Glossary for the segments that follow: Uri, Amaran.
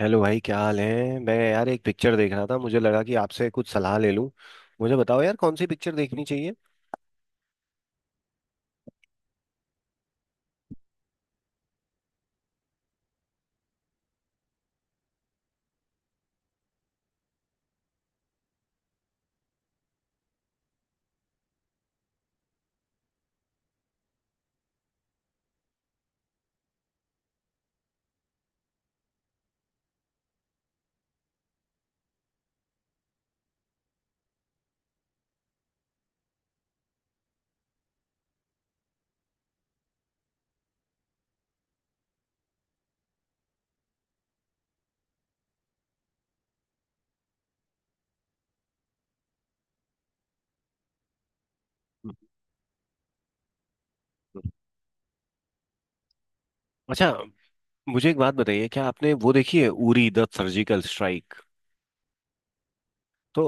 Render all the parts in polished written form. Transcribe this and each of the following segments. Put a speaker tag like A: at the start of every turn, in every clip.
A: Hello भाई, क्या हाल है। मैं यार एक पिक्चर देख रहा था, मुझे लगा कि आपसे कुछ सलाह ले लूं। मुझे बताओ यार, कौन सी पिक्चर देखनी चाहिए। हम्म। अच्छा, मुझे एक बात बताइए, क्या आपने वो देखी है, उरी द सर्जिकल स्ट्राइक। तो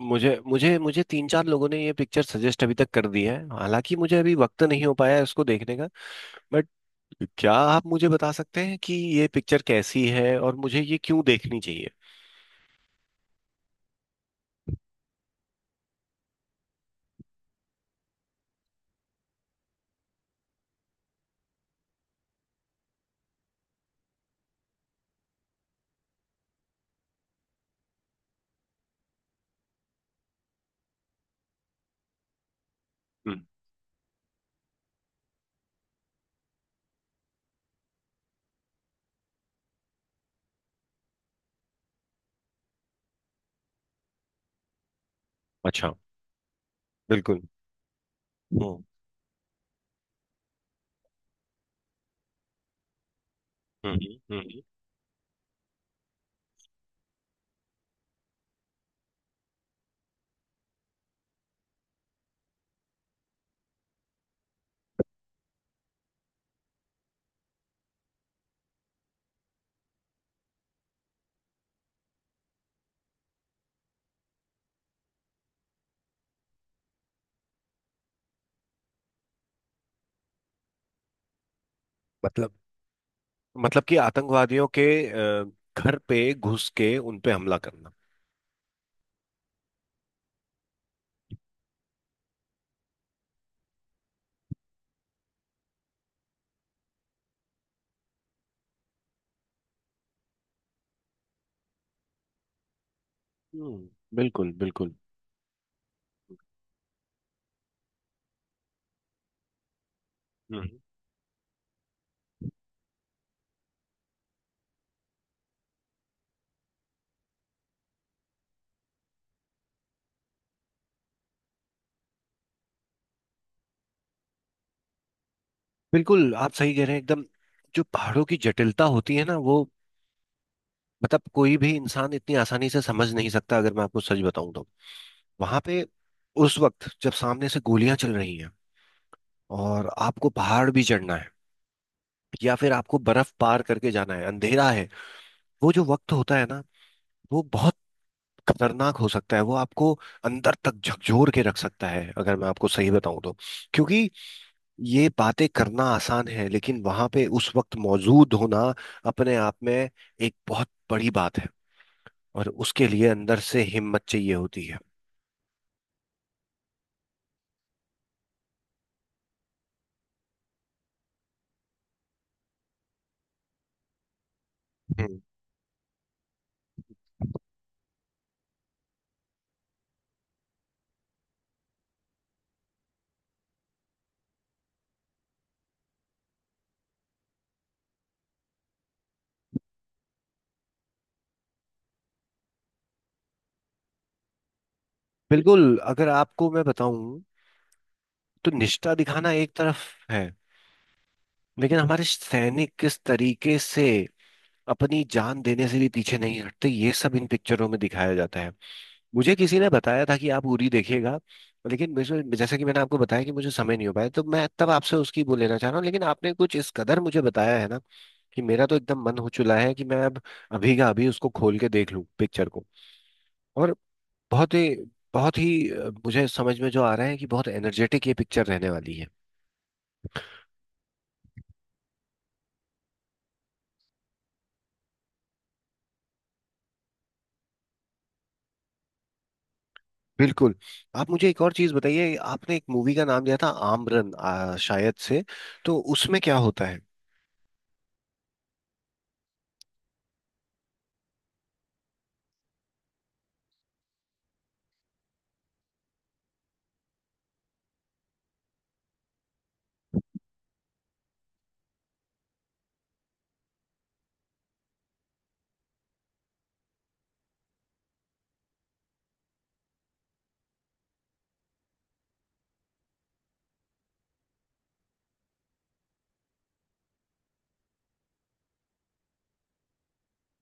A: मुझे मुझे मुझे तीन चार लोगों ने ये पिक्चर सजेस्ट अभी तक कर दी है, हालांकि मुझे अभी वक्त नहीं हो पाया है इसको देखने का। बट क्या आप मुझे बता सकते हैं कि ये पिक्चर कैसी है और मुझे ये क्यों देखनी चाहिए। हम्म। अच्छा। बिल्कुल। हम्म। हम्म। हम्म। हम्म। मतलब कि आतंकवादियों के अ, घर पे घुस के उन पे हमला करना। हम्म। बिल्कुल बिल्कुल। हम्म। बिल्कुल आप सही कह रहे हैं एकदम। जो पहाड़ों की जटिलता होती है ना, वो मतलब कोई भी इंसान इतनी आसानी से समझ नहीं सकता, अगर मैं आपको सच बताऊं तो। वहां पे उस वक्त जब सामने से गोलियां चल रही हैं, और आपको पहाड़ भी चढ़ना है, या फिर आपको बर्फ पार करके जाना है, अंधेरा है। वो जो वक्त होता है ना, वो बहुत खतरनाक हो सकता है, वो आपको अंदर तक झकझोर के रख सकता है, अगर मैं आपको सही बताऊं तो। क्योंकि ये बातें करना आसान है, लेकिन वहां पे उस वक्त मौजूद होना अपने आप में एक बहुत बड़ी बात है, और उसके लिए अंदर से हिम्मत चाहिए होती है। हम्म। बिल्कुल, अगर आपको मैं बताऊं, तो निष्ठा दिखाना एक तरफ है, लेकिन हमारे सैनिक किस तरीके से अपनी जान देने से भी पीछे नहीं हटते, ये सब इन पिक्चरों में दिखाया जाता है। मुझे किसी ने बताया था कि आप उरी देखिएगा, लेकिन मुझे, जैसा कि मैंने आपको बताया, कि मुझे समय नहीं हो पाया, तो मैं तब आपसे उसकी वो लेना चाह रहा हूँ। लेकिन आपने कुछ इस कदर मुझे बताया है ना, कि मेरा तो एकदम मन हो चुका है कि मैं अब अभी का अभी उसको खोल के देख लूँ पिक्चर को। और बहुत ही बहुत ही मुझे समझ में जो आ रहा है कि बहुत एनर्जेटिक ये पिक्चर रहने वाली है। बिल्कुल। आप मुझे एक और चीज बताइए, आपने एक मूवी का नाम दिया था, आमरन, शायद से। तो उसमें क्या होता है।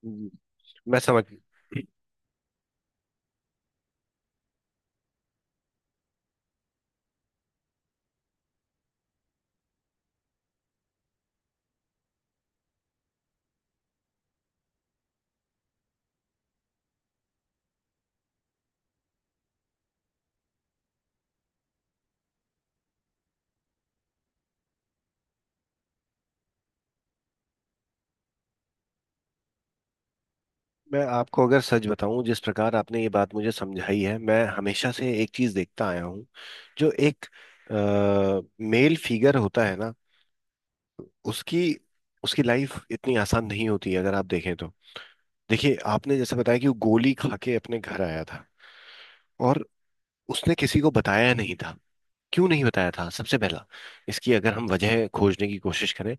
A: हम्म। मैं समझ। मैं आपको अगर सच बताऊं, जिस प्रकार आपने ये बात मुझे समझाई है, मैं हमेशा से एक चीज देखता आया हूं। जो एक मेल फिगर होता है ना, उसकी उसकी लाइफ इतनी आसान नहीं होती है, अगर आप देखें तो। देखिए, आपने जैसे बताया कि वो गोली खा के अपने घर आया था, और उसने किसी को बताया नहीं था। क्यों नहीं बताया था, सबसे पहला, इसकी अगर हम वजह खोजने की कोशिश करें।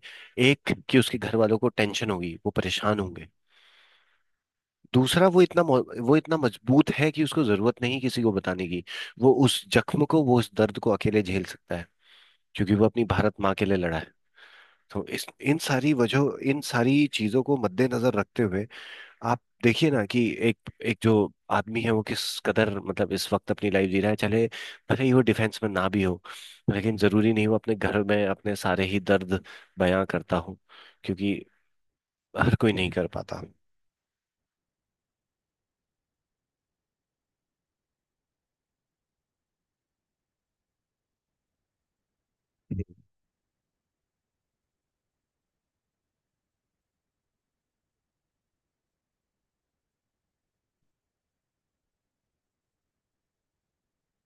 A: एक, कि उसके घर वालों को टेंशन होगी, वो परेशान होंगे। दूसरा, वो इतना मजबूत है कि उसको जरूरत नहीं किसी को बताने की। वो उस जख्म को, वो उस दर्द को अकेले झेल सकता है, क्योंकि वो अपनी भारत माँ के लिए लड़ा है। तो इस इन सारी वजह, इन सारी चीजों को मद्देनजर रखते हुए, आप देखिए ना कि एक एक जो आदमी है, वो किस कदर मतलब इस वक्त अपनी लाइफ जी रहा है, चाहे भले ही वो डिफेंस में ना भी हो। लेकिन जरूरी नहीं वो अपने घर में अपने सारे ही दर्द बयां करता हो, क्योंकि हर कोई नहीं कर पाता।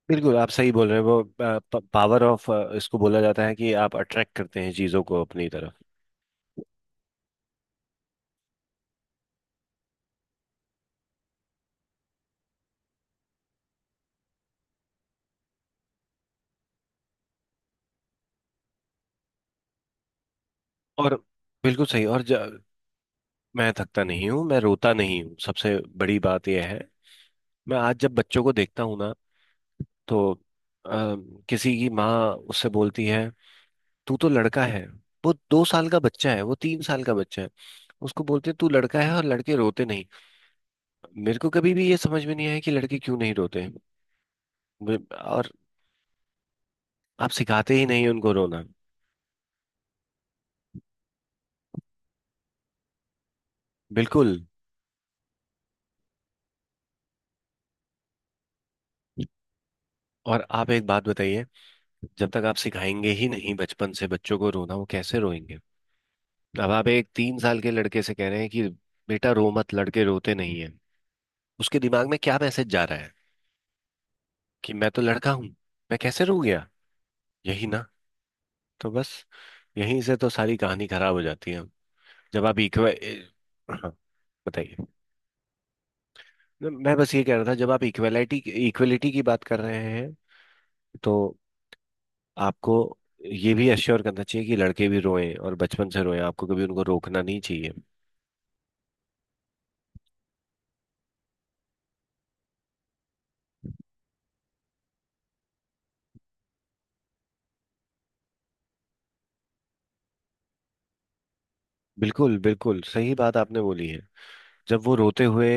A: बिल्कुल आप सही बोल रहे हैं। वो पावर ऑफ, इसको बोला जाता है कि आप अट्रैक्ट करते हैं चीज़ों को अपनी तरफ। और बिल्कुल सही। मैं थकता नहीं हूँ, मैं रोता नहीं हूँ, सबसे बड़ी बात यह है। मैं आज जब बच्चों को देखता हूँ ना, तो अ, किसी की माँ उससे बोलती है, तू तो लड़का है। वो दो साल का बच्चा है, वो तीन साल का बच्चा है, उसको बोलते हैं तू लड़का है और लड़के रोते नहीं। मेरे को कभी भी ये समझ में नहीं आया कि लड़के क्यों नहीं रोते हैं। और आप सिखाते ही नहीं उनको रोना। बिल्कुल। और आप एक बात बताइए, जब तक आप सिखाएंगे ही नहीं बचपन से बच्चों को रोना, वो कैसे रोएंगे। अब आप एक तीन साल के लड़के से कह रहे हैं कि बेटा रो मत, लड़के रोते नहीं है। उसके दिमाग में क्या मैसेज जा रहा है, कि मैं तो लड़का हूँ, मैं कैसे रो गया, यही ना। तो बस, यहीं से तो सारी कहानी खराब हो जाती है। जब आप इक्वे, हाँ बताइए। मैं बस ये कह रहा था, जब आप इक्वेलिटी इक्वेलिटी की बात कर रहे हैं, तो आपको ये भी अश्योर करना चाहिए कि लड़के भी रोएं और बचपन से रोएं, आपको कभी उनको रोकना नहीं चाहिए। बिल्कुल बिल्कुल सही बात आपने बोली है। जब वो रोते हुए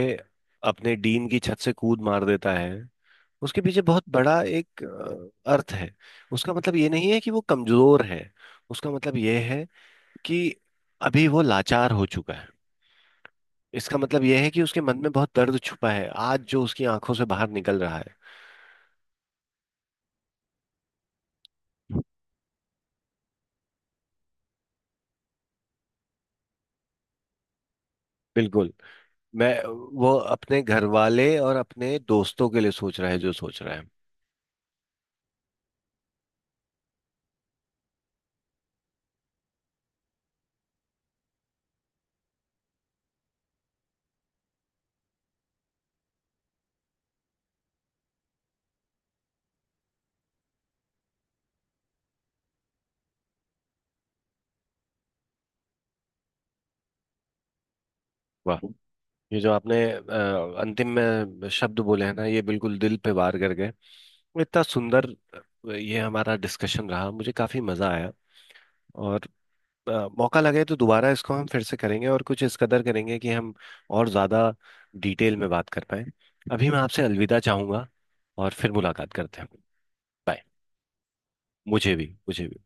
A: अपने डीन की छत से कूद मार देता है, उसके पीछे बहुत बड़ा एक अर्थ है। उसका मतलब ये नहीं है कि वो कमजोर है, उसका मतलब ये है कि अभी वो लाचार हो चुका है। इसका मतलब यह है कि उसके मन में बहुत दर्द छुपा है, आज जो उसकी आंखों से बाहर निकल रहा है। बिल्कुल। मैं, वो अपने घर वाले और अपने दोस्तों के लिए सोच रहा है, जो सोच रहा है। वाह, ये जो आपने अंतिम में शब्द बोले हैं ना, ये बिल्कुल दिल पे वार कर गए। इतना सुंदर। ये हमारा डिस्कशन रहा, मुझे काफी मजा आया। और अ, मौका लगे तो दोबारा इसको हम फिर से करेंगे, और कुछ इस कदर करेंगे कि हम और ज्यादा डिटेल में बात कर पाए। अभी मैं आपसे अलविदा चाहूंगा, और फिर मुलाकात करते हैं। बाय। मुझे भी।